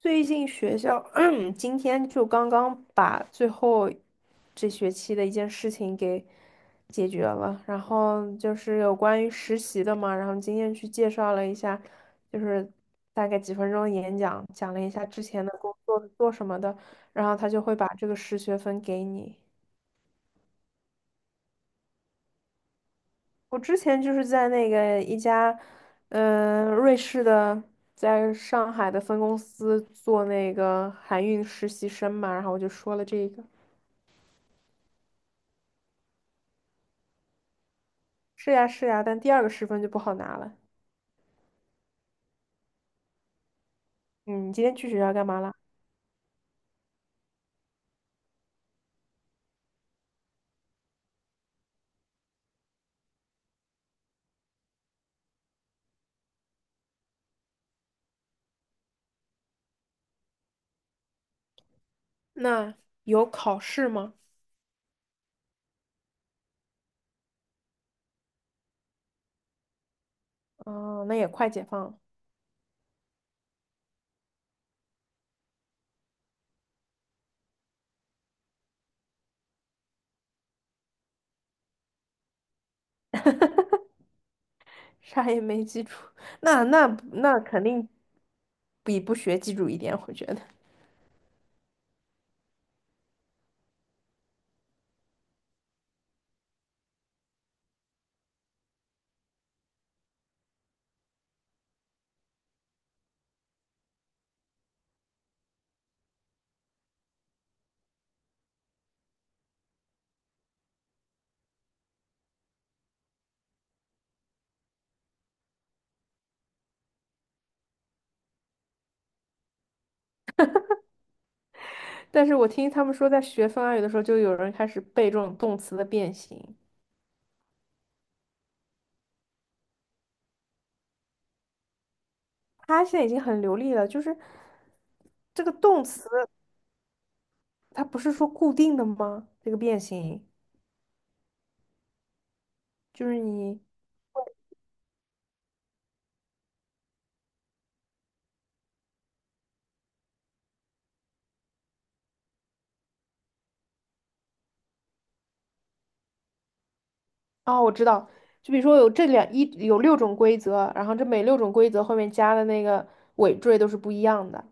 最近学校，今天就刚刚把最后这学期的一件事情给解决了，然后就是有关于实习的嘛，然后今天去介绍了一下，就是大概几分钟的演讲，讲了一下之前的工作是做什么的，然后他就会把这个实学分给你。我之前就是在那个一家，瑞士的。在上海的分公司做那个海运实习生嘛，然后我就说了这个。是呀是呀，但第二个十分就不好拿了。嗯，你今天去学校干嘛了？那有考试吗？哦，那也快解放了，啥也没记住，那那那肯定比不学记住一点，我觉得。但是我听他们说，在学芬兰语的时候，就有人开始背这种动词的变形，他现在已经很流利了，就是这个动词，它不是说固定的吗？这个变形，就是你。哦，我知道，就比如说有这两一有六种规则，然后这每六种规则后面加的那个尾缀都是不一样的。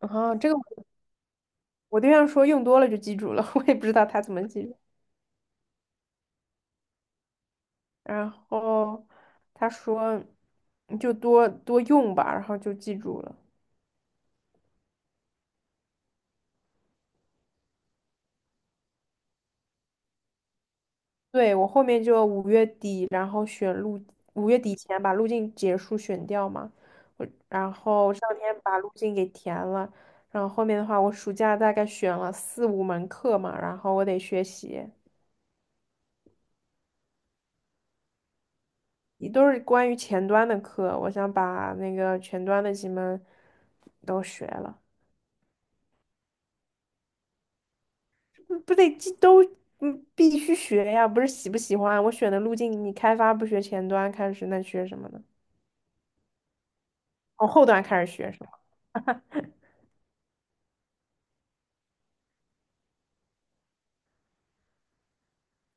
啊，这个我对象说用多了就记住了，我也不知道他怎么记住。然后他说你就多多用吧，然后就记住了。对，我后面就五月底，然后选路，五月底前把路径结束选掉嘛。我然后这两天把路径给填了，然后后面的话，我暑假大概选了4、5门课嘛，然后我得学习，也都是关于前端的课，我想把那个前端的几门都学了，嗯不得这都嗯必须学呀，不是喜不喜欢？我选的路径，你开发不学前端开始，那学什么呢？从后端开始学。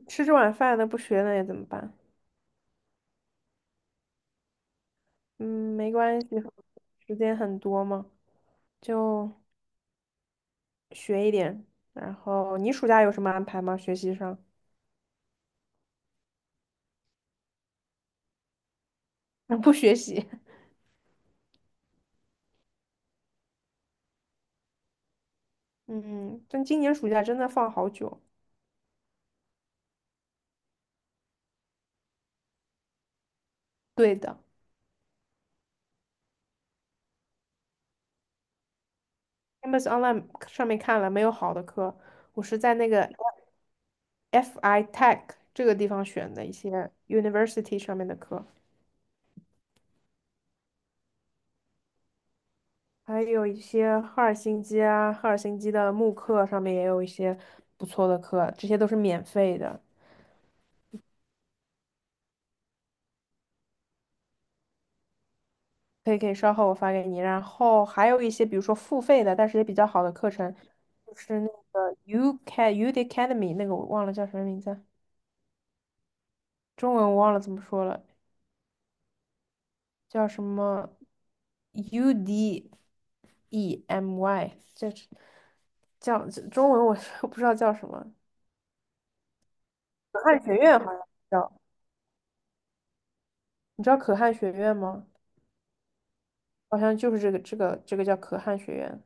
吃这碗饭的不学了也怎么办？嗯，没关系，时间很多嘛，就学一点。然后你暑假有什么安排吗？学习上？不学习。嗯，但今年暑假真的放好久。对的，Campus Online 上面看了没有好的课，我是在那个 FI Tech 这个地方选的一些 University 上面的课，还有一些赫尔辛基啊，赫尔辛基的慕课上面也有一些不错的课，这些都是免费的。可以可以，稍后我发给你。然后还有一些，比如说付费的，但是也比较好的课程，就是那个 U c U d Academy 那个我忘了叫什么名字，中文我忘了怎么说了，叫什么 U D E M Y，这是叫这中文我 不知道叫什么，可汗学院好像叫，你知道可汗学院吗？好像就是这个叫可汗学院，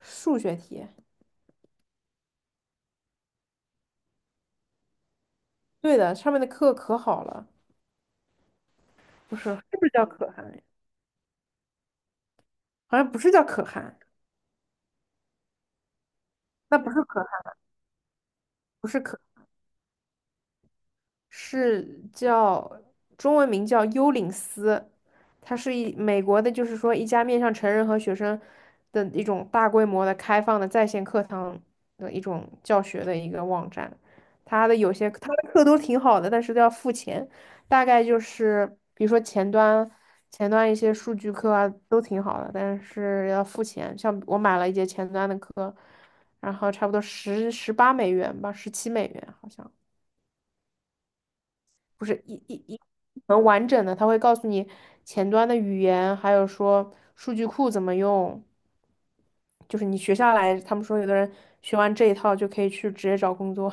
数学题。对的，上面的课可好了，不是是不是叫可汗？好像不是叫可汗，那不是可汗，不是可。是叫中文名叫幽灵司，它是一美国的，就是说一家面向成人和学生的一种大规模的开放的在线课堂的一种教学的一个网站。它的有些它的课都挺好的，但是都要付钱，大概就是比如说前端一些数据课啊都挺好的，但是要付钱。像我买了一节前端的课，然后差不多十八美元吧，17美元好像。不是一一一能完整的，它会告诉你前端的语言，还有说数据库怎么用。就是你学下来，他们说有的人学完这一套就可以去直接找工作，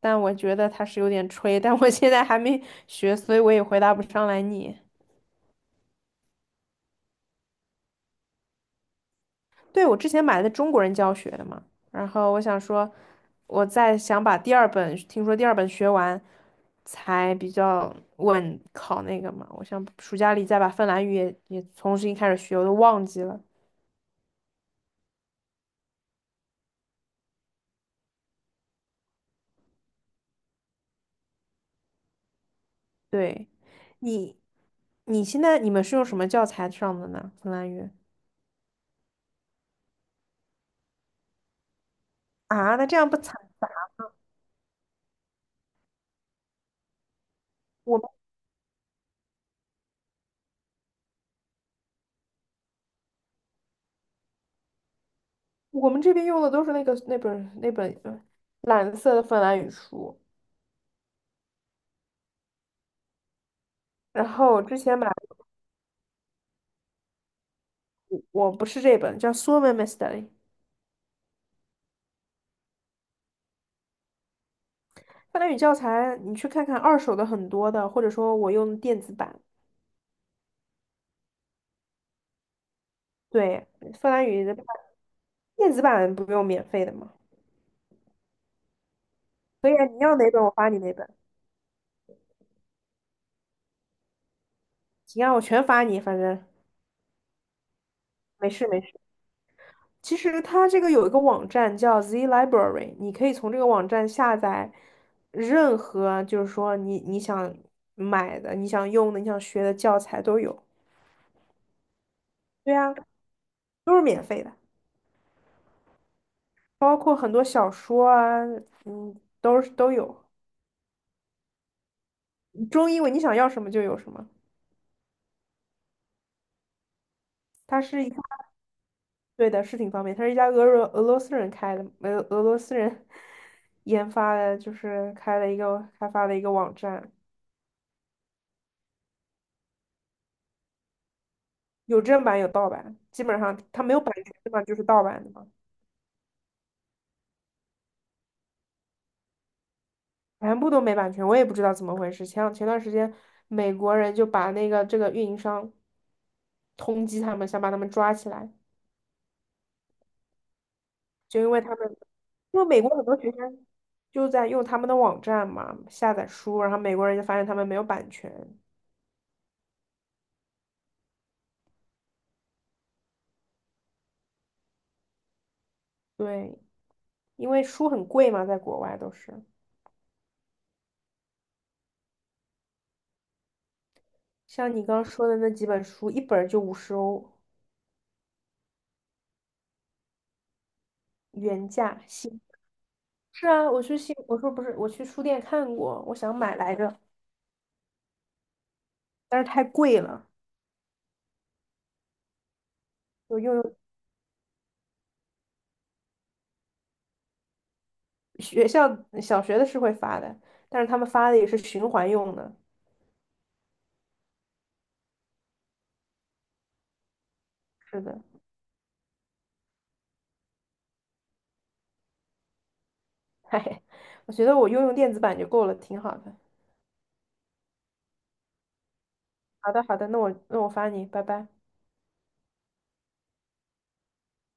但我觉得他是有点吹，但我现在还没学，所以我也回答不上来你。对，我之前买的中国人教学的嘛，然后我想说，我再想把第二本，听说第二本学完，才比较稳考那个嘛。我想暑假里再把芬兰语也重新开始学，我都忘记了。对，你你现在你们是用什么教材上的呢？芬兰语啊？那这样不惨，我们我们这边用的都是那个那本蓝色的芬兰语书，然后之前买我不是这本，叫《Suomen m e s t a r y 芬兰语教材，你去看看二手的很多的，或者说我用电子版。对，芬兰语的电子版不用免费的嘛。可以啊，你要哪本我发你哪本。行啊，我全发你，反正没事没事。其实它这个有一个网站叫 Z Library，你可以从这个网站下载任何，就是说你想买的、你想用的、你想学的教材都有。对啊，都是免费的，包括很多小说啊，嗯，都有。中英文你想要什么就有什么。它是一家，对的，是挺方便。它是一家俄罗斯人开的，俄罗斯人 研发的，就是开发了一个网站，有正版有盗版，基本上它没有版权的嘛，就是盗版的嘛，全部都没版权，我也不知道怎么回事。前段时间，美国人就把那个这个运营商通缉他们，想把他们抓起来，就因为他们，因为美国很多学生就在用他们的网站嘛下载书，然后美国人就发现他们没有版权，对。因为书很贵嘛，在国外都是。像你刚刚说的那几本书，一本儿就50欧原价新。是啊，我去新，我说不是，我去书店看过，我想买来着，但是太贵了。我用学校小学的是会发的，但是他们发的也是循环用的。是的，嘿，我觉得用电子版就够了，挺好的。好的，好的，那我发你，拜拜。